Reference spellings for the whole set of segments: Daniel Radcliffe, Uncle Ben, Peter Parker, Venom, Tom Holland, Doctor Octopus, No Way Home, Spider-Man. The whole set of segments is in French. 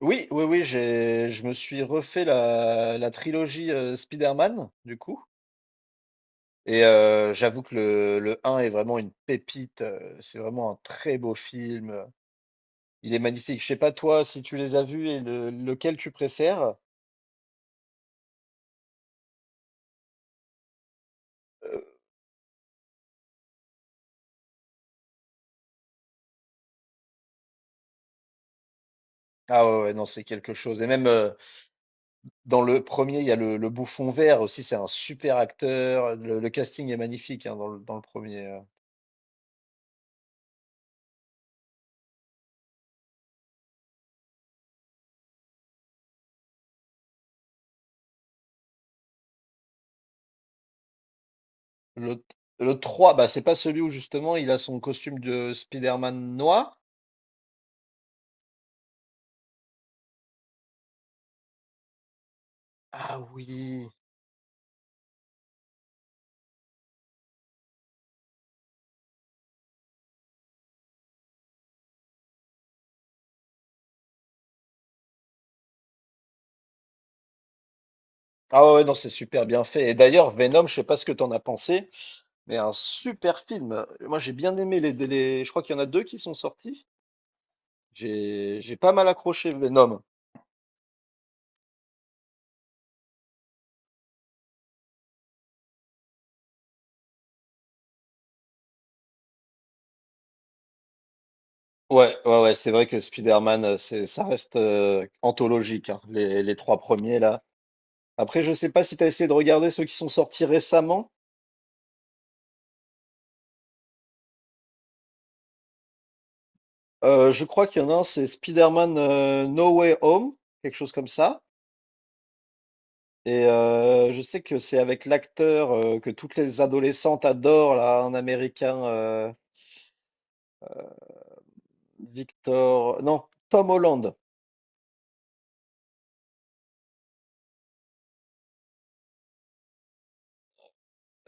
Oui, je me suis refait la trilogie Spider-Man, du coup. Et j'avoue que le un est vraiment une pépite. C'est vraiment un très beau film. Il est magnifique. Je sais pas toi si tu les as vus et lequel tu préfères. Euh, ah ouais, ouais, non, c'est quelque chose. Et même dans le premier, il y a le bouffon vert aussi. C'est un super acteur. Le casting est magnifique hein, dans le premier. Le, le 3, bah, c'est pas celui où justement il a son costume de Spider-Man noir. Ah oui. Ah ouais, non, c'est super bien fait. Et d'ailleurs, Venom, je sais pas ce que t'en as pensé, mais un super film. Moi, j'ai bien aimé Je crois qu'il y en a deux qui sont sortis. J'ai pas mal accroché Venom. Ouais, ouais, ouais, c'est vrai que Spider-Man, c'est, ça reste anthologique, hein, les trois premiers là. Après, je sais pas si t'as essayé de regarder ceux qui sont sortis récemment. Je crois qu'il y en a un, c'est Spider-Man No Way Home, quelque chose comme ça. Et je sais que c'est avec l'acteur que toutes les adolescentes adorent, là, un Américain, Victor... Non, Tom Holland.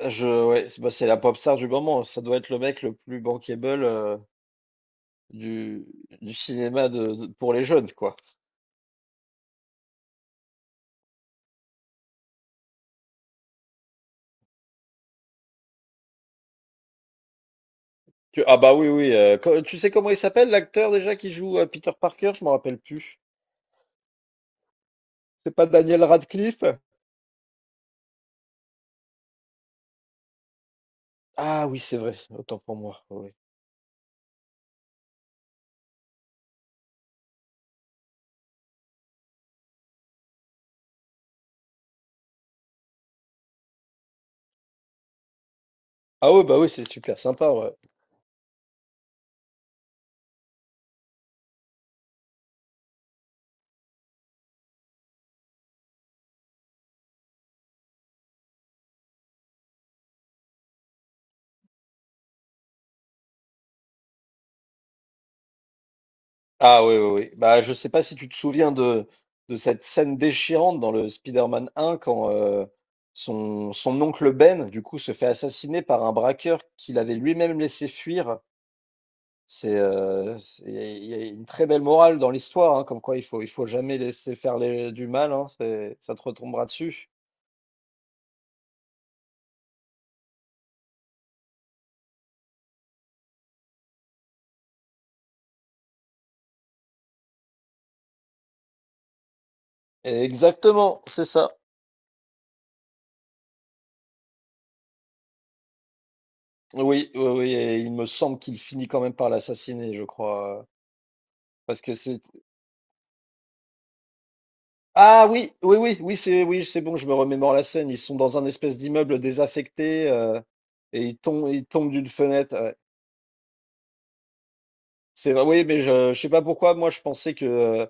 Ouais, c'est la pop star du moment. Ça doit être le mec le plus bankable du, du cinéma pour les jeunes, quoi. Ah bah oui, oui. Tu sais comment il s'appelle, l'acteur déjà qui joue Peter Parker? Je m'en rappelle plus. C'est pas Daniel Radcliffe? Ah oui, c'est vrai. Autant pour moi. Oui. Ah oui, bah oui, c'est super sympa. Ouais. Ah oui, oui, oui. Bah, je sais pas si tu te souviens de cette scène déchirante dans le Spider-Man 1 quand son oncle Ben, du coup, se fait assassiner par un braqueur qu'il avait lui-même laissé fuir. Il y a une très belle morale dans l'histoire, hein, comme quoi il faut jamais laisser faire du mal, hein, ça te retombera dessus. Exactement, c'est ça. Oui, oui, oui, et il me semble qu'il finit quand même par l'assassiner, je crois. Parce que c'est Ah oui, oui, oui, oui, c'est bon, je me remémore la scène. Ils sont dans un espèce d'immeuble désaffecté et ils tombent d'une fenêtre, ouais. C'est vrai, oui, mais je sais pas pourquoi. Moi, je pensais que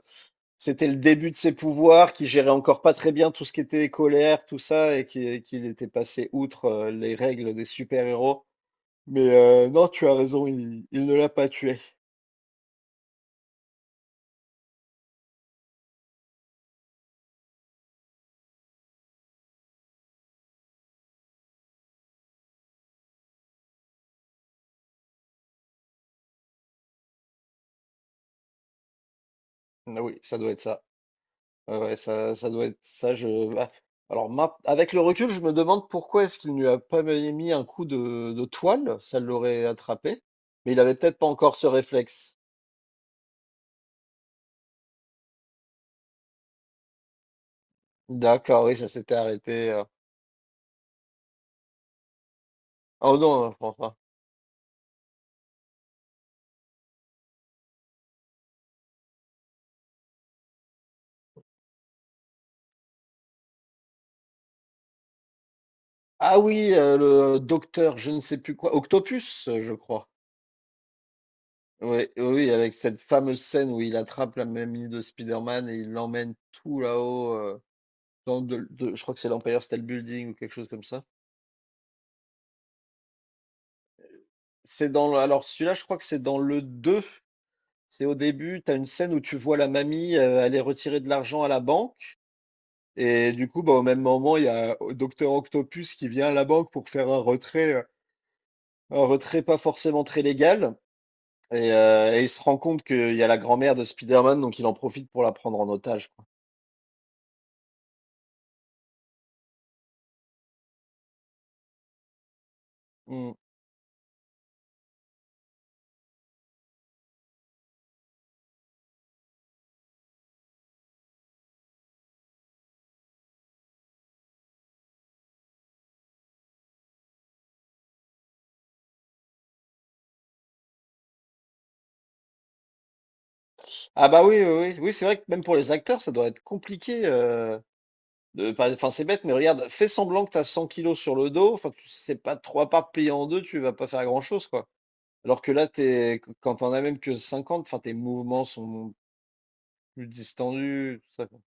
c'était le début de ses pouvoirs, qu'il gérait encore pas très bien tout ce qui était colère, tout ça, et qu'il était passé outre les règles des super-héros. Mais non, tu as raison, il ne l'a pas tué. Ah oui, ça doit être ça. Ouais, ouais, ça doit être ça. Je... ah, Alors, avec le recul, je me demande pourquoi est-ce qu'il ne lui a pas mis un coup de toile, ça l'aurait attrapé. Mais il avait peut-être pas encore ce réflexe. D'accord, oui, ça s'était arrêté. Ah, oh non, je pense pas. Ah oui, le docteur, je ne sais plus quoi, Octopus, je crois. Oui, oui, oui, avec cette fameuse scène où il attrape la mamie de Spider-Man et il l'emmène tout là-haut, dans je crois que c'est l'Empire State Building ou quelque chose comme ça. Alors celui-là, je crois que c'est dans le deux. C'est au début, tu as une scène où tu vois la mamie aller retirer de l'argent à la banque. Et du coup, bah, au même moment, il y a Docteur Octopus qui vient à la banque pour faire un retrait, un retrait pas forcément très légal. Et, il se rend compte qu'il y a la grand-mère de Spider-Man, donc il en profite pour la prendre en otage, quoi. Hmm. Ah bah oui, oui, oui, oui, c'est vrai que même pour les acteurs, ça doit être compliqué. De, pas- Enfin, c'est bête, mais regarde, fais semblant que tu as 100 kilos sur le dos. Enfin, tu sais pas trois parts pliées en deux, tu vas pas faire grand-chose, quoi. Alors que là, quand t'en as même que 50, enfin, tes mouvements sont plus distendus, tout ça, quoi.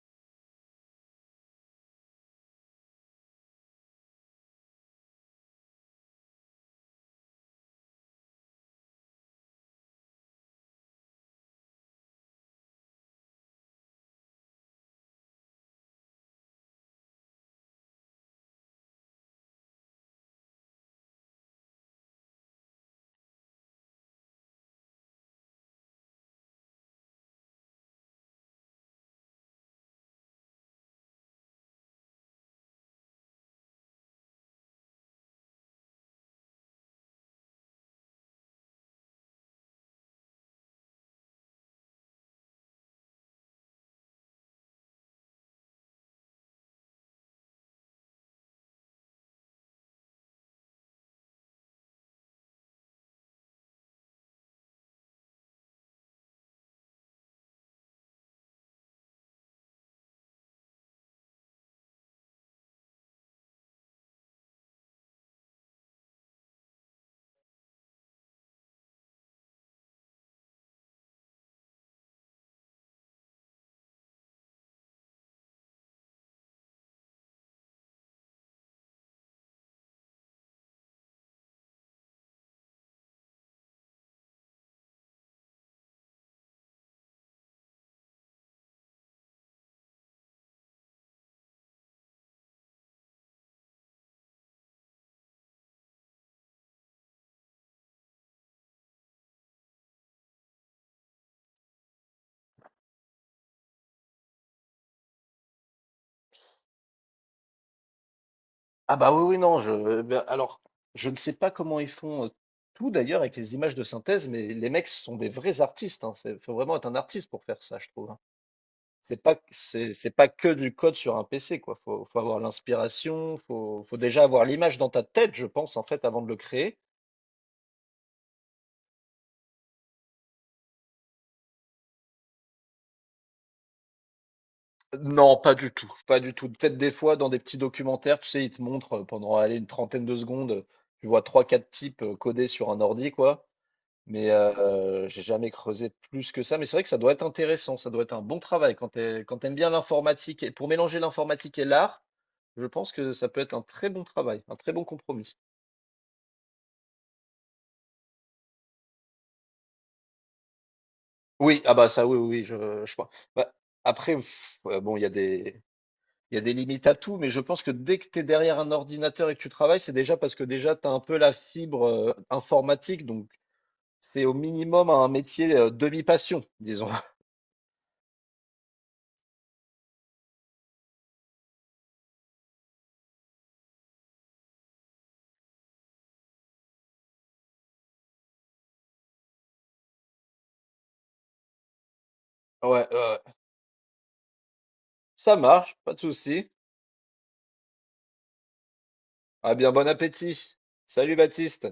Ah bah oui, oui, non, eh ben, alors, je ne sais pas comment ils font tout d'ailleurs avec les images de synthèse, mais les mecs sont des vrais artistes, hein. Faut vraiment être un artiste pour faire ça, je trouve, hein. C'est c'est pas que du code sur un PC, quoi. Faut avoir l'inspiration, faut déjà avoir l'image dans ta tête, je pense, en fait, avant de le créer. Non, pas du tout, pas du tout. Peut-être des fois dans des petits documentaires, tu sais, ils te montrent pendant allez, une trentaine de secondes, tu vois trois, quatre types codés sur un ordi, quoi. Mais j'ai jamais creusé plus que ça. Mais c'est vrai que ça doit être intéressant, ça doit être un bon travail quand quand t'aimes bien l'informatique. Et pour mélanger l'informatique et l'art, je pense que ça peut être un très bon travail, un très bon compromis. Oui, ah bah ça, oui, oui, oui, je pense. Bah, après, pff, ouais, bon, il y a des limites à tout, mais je pense que dès que tu es derrière un ordinateur et que tu travailles, c'est déjà parce que déjà tu as un peu la fibre informatique, donc c'est au minimum un métier demi-passion, disons. Ouais, ouais. Ça marche, pas de souci. Ah bien, bon appétit. Salut Baptiste.